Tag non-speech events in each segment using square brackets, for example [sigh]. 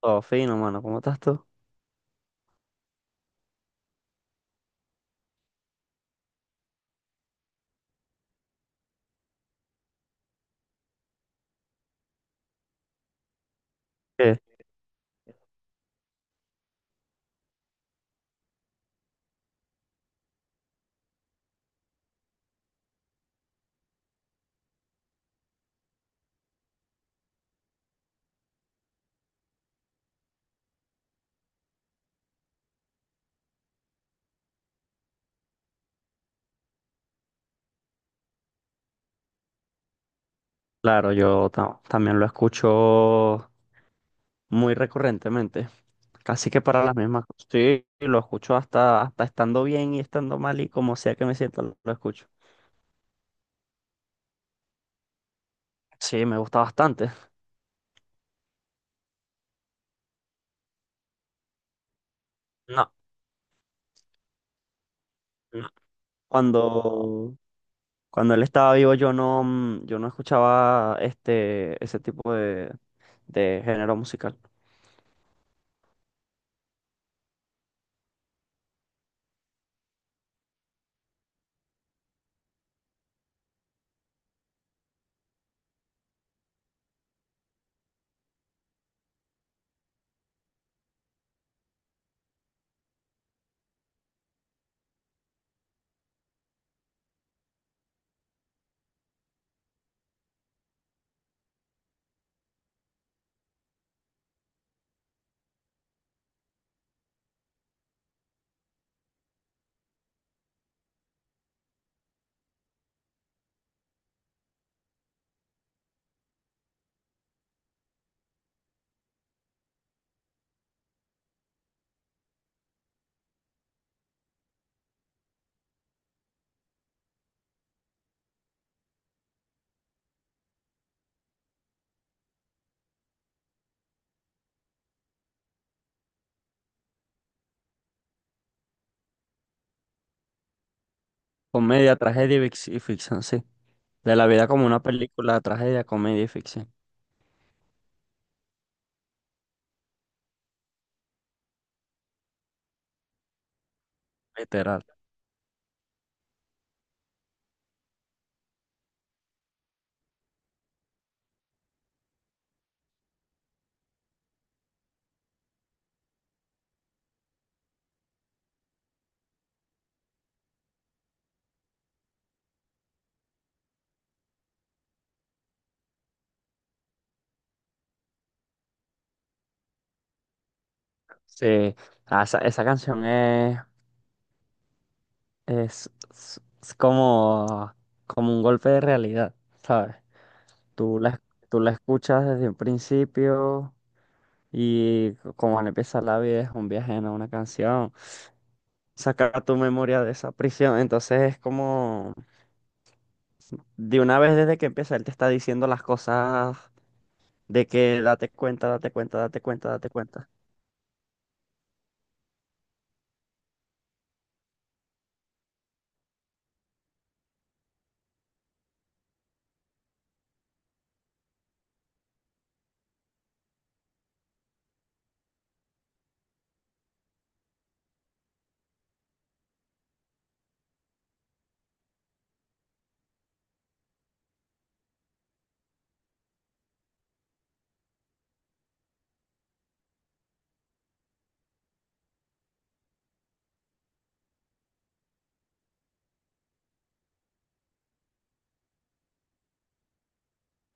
Todo fino, mano. ¿Cómo estás tú? Eh, claro, también lo escucho muy recurrentemente. Casi que para las mismas cosas. Sí, lo escucho hasta estando bien y estando mal y como sea que me sienta, lo escucho. Sí, me gusta bastante. No, no. Cuando, Cuando él estaba vivo, yo no, yo no escuchaba este, ese tipo de género musical. Comedia, tragedia y y ficción, sí. De la vida como una película, tragedia, comedia y ficción. Literal. Sí. Ah, esa canción es como, como un golpe de realidad, ¿sabes? Tú la, Tú la escuchas desde un principio y como al empezar la vida es un viaje en una canción, saca tu memoria de esa prisión, entonces es como de una vez desde que empieza él te está diciendo las cosas de que date cuenta, date cuenta, date cuenta, date cuenta.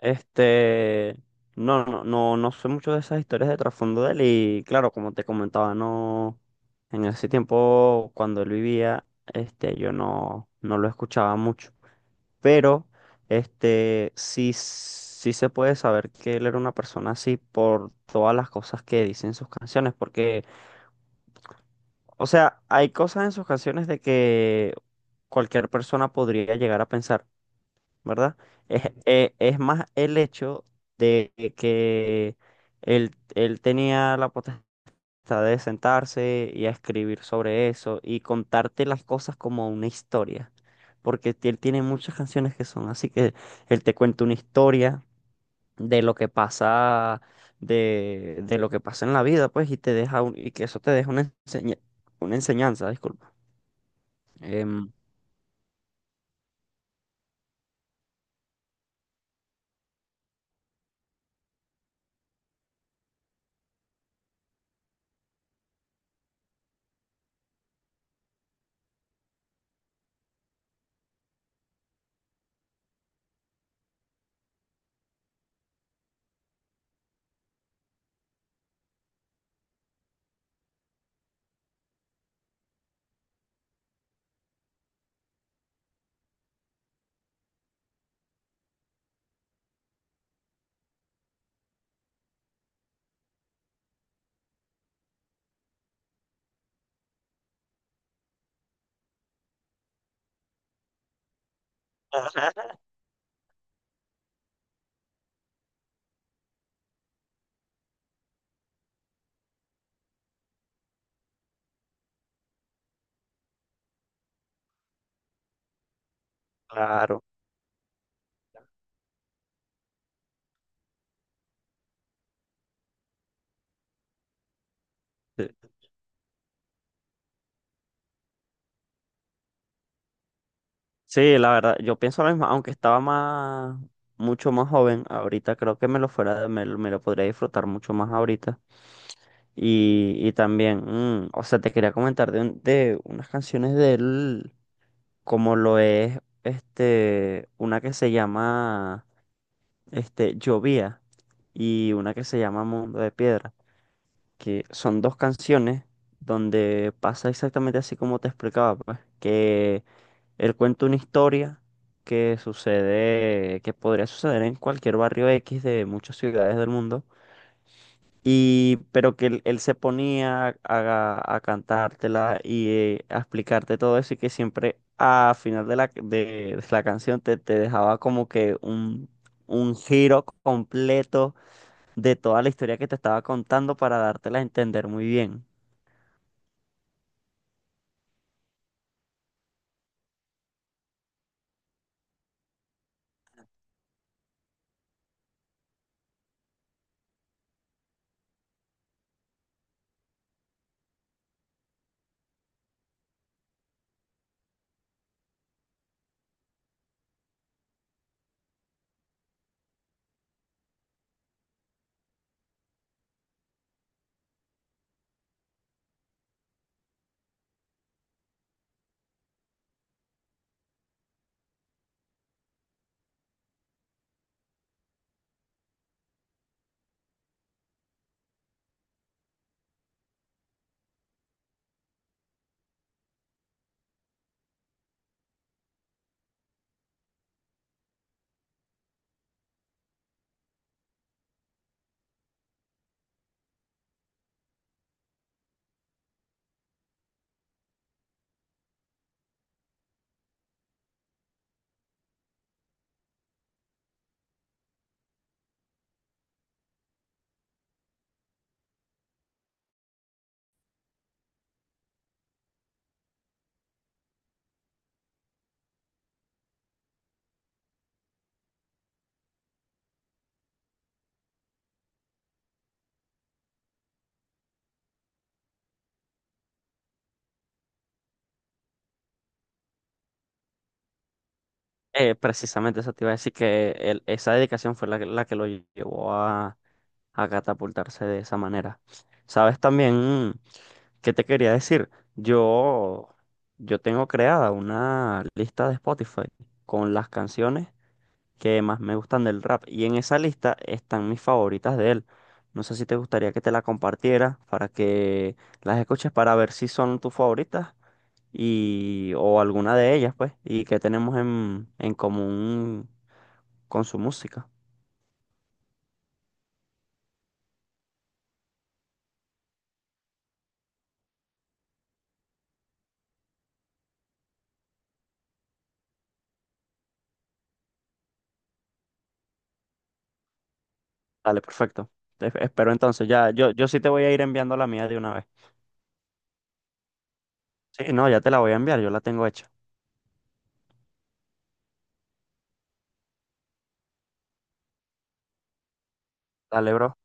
Este, no sé mucho de esas historias de trasfondo de él y claro, como te comentaba, no, en ese tiempo cuando él vivía, este, yo no, no lo escuchaba mucho, pero, este, sí, sí se puede saber que él era una persona así por todas las cosas que dice en sus canciones, porque, o sea, hay cosas en sus canciones de que cualquier persona podría llegar a pensar. ¿Verdad? Es más el hecho de que él tenía la potestad de sentarse y a escribir sobre eso y contarte las cosas como una historia, porque él tiene muchas canciones que son así que él te cuenta una historia de lo que pasa. De lo que pasa en la vida, pues, y te deja y que eso te deja una una enseñanza, disculpa. Em, [laughs] claro. eh, Sí, la verdad, yo pienso lo mismo, aunque estaba más, mucho más joven, ahorita creo que me lo fuera, me lo podría disfrutar mucho más ahorita. Y también, o sea, te quería comentar de, de unas canciones de él, como lo es, este, una que se llama, este, Llovía y una que se llama Mundo de Piedra, que son dos canciones donde pasa exactamente así como te explicaba, pues, que él cuenta una historia que sucede, que podría suceder en cualquier barrio X de muchas ciudades del mundo, y, pero que él se ponía a cantártela y a explicarte todo eso y que siempre a final de la canción te dejaba como que un giro completo de toda la historia que te estaba contando para dártela a entender muy bien. Precisamente eso te iba a decir que esa dedicación fue la que lo llevó a catapultarse de esa manera. ¿Sabes también qué te quería decir? Yo, yo tengo creada una lista de Spotify con las canciones que más me gustan del rap y en esa lista están mis favoritas de él. No sé si te gustaría que te la compartiera para que las escuches para ver si son tus favoritas y, o alguna de ellas, pues, y qué tenemos en común con su música. Dale, perfecto. Te- Espero entonces, ya, yo sí te voy a ir enviando la mía de una vez. Sí, no, ya te la voy a enviar, yo la tengo hecha. Dale, bro.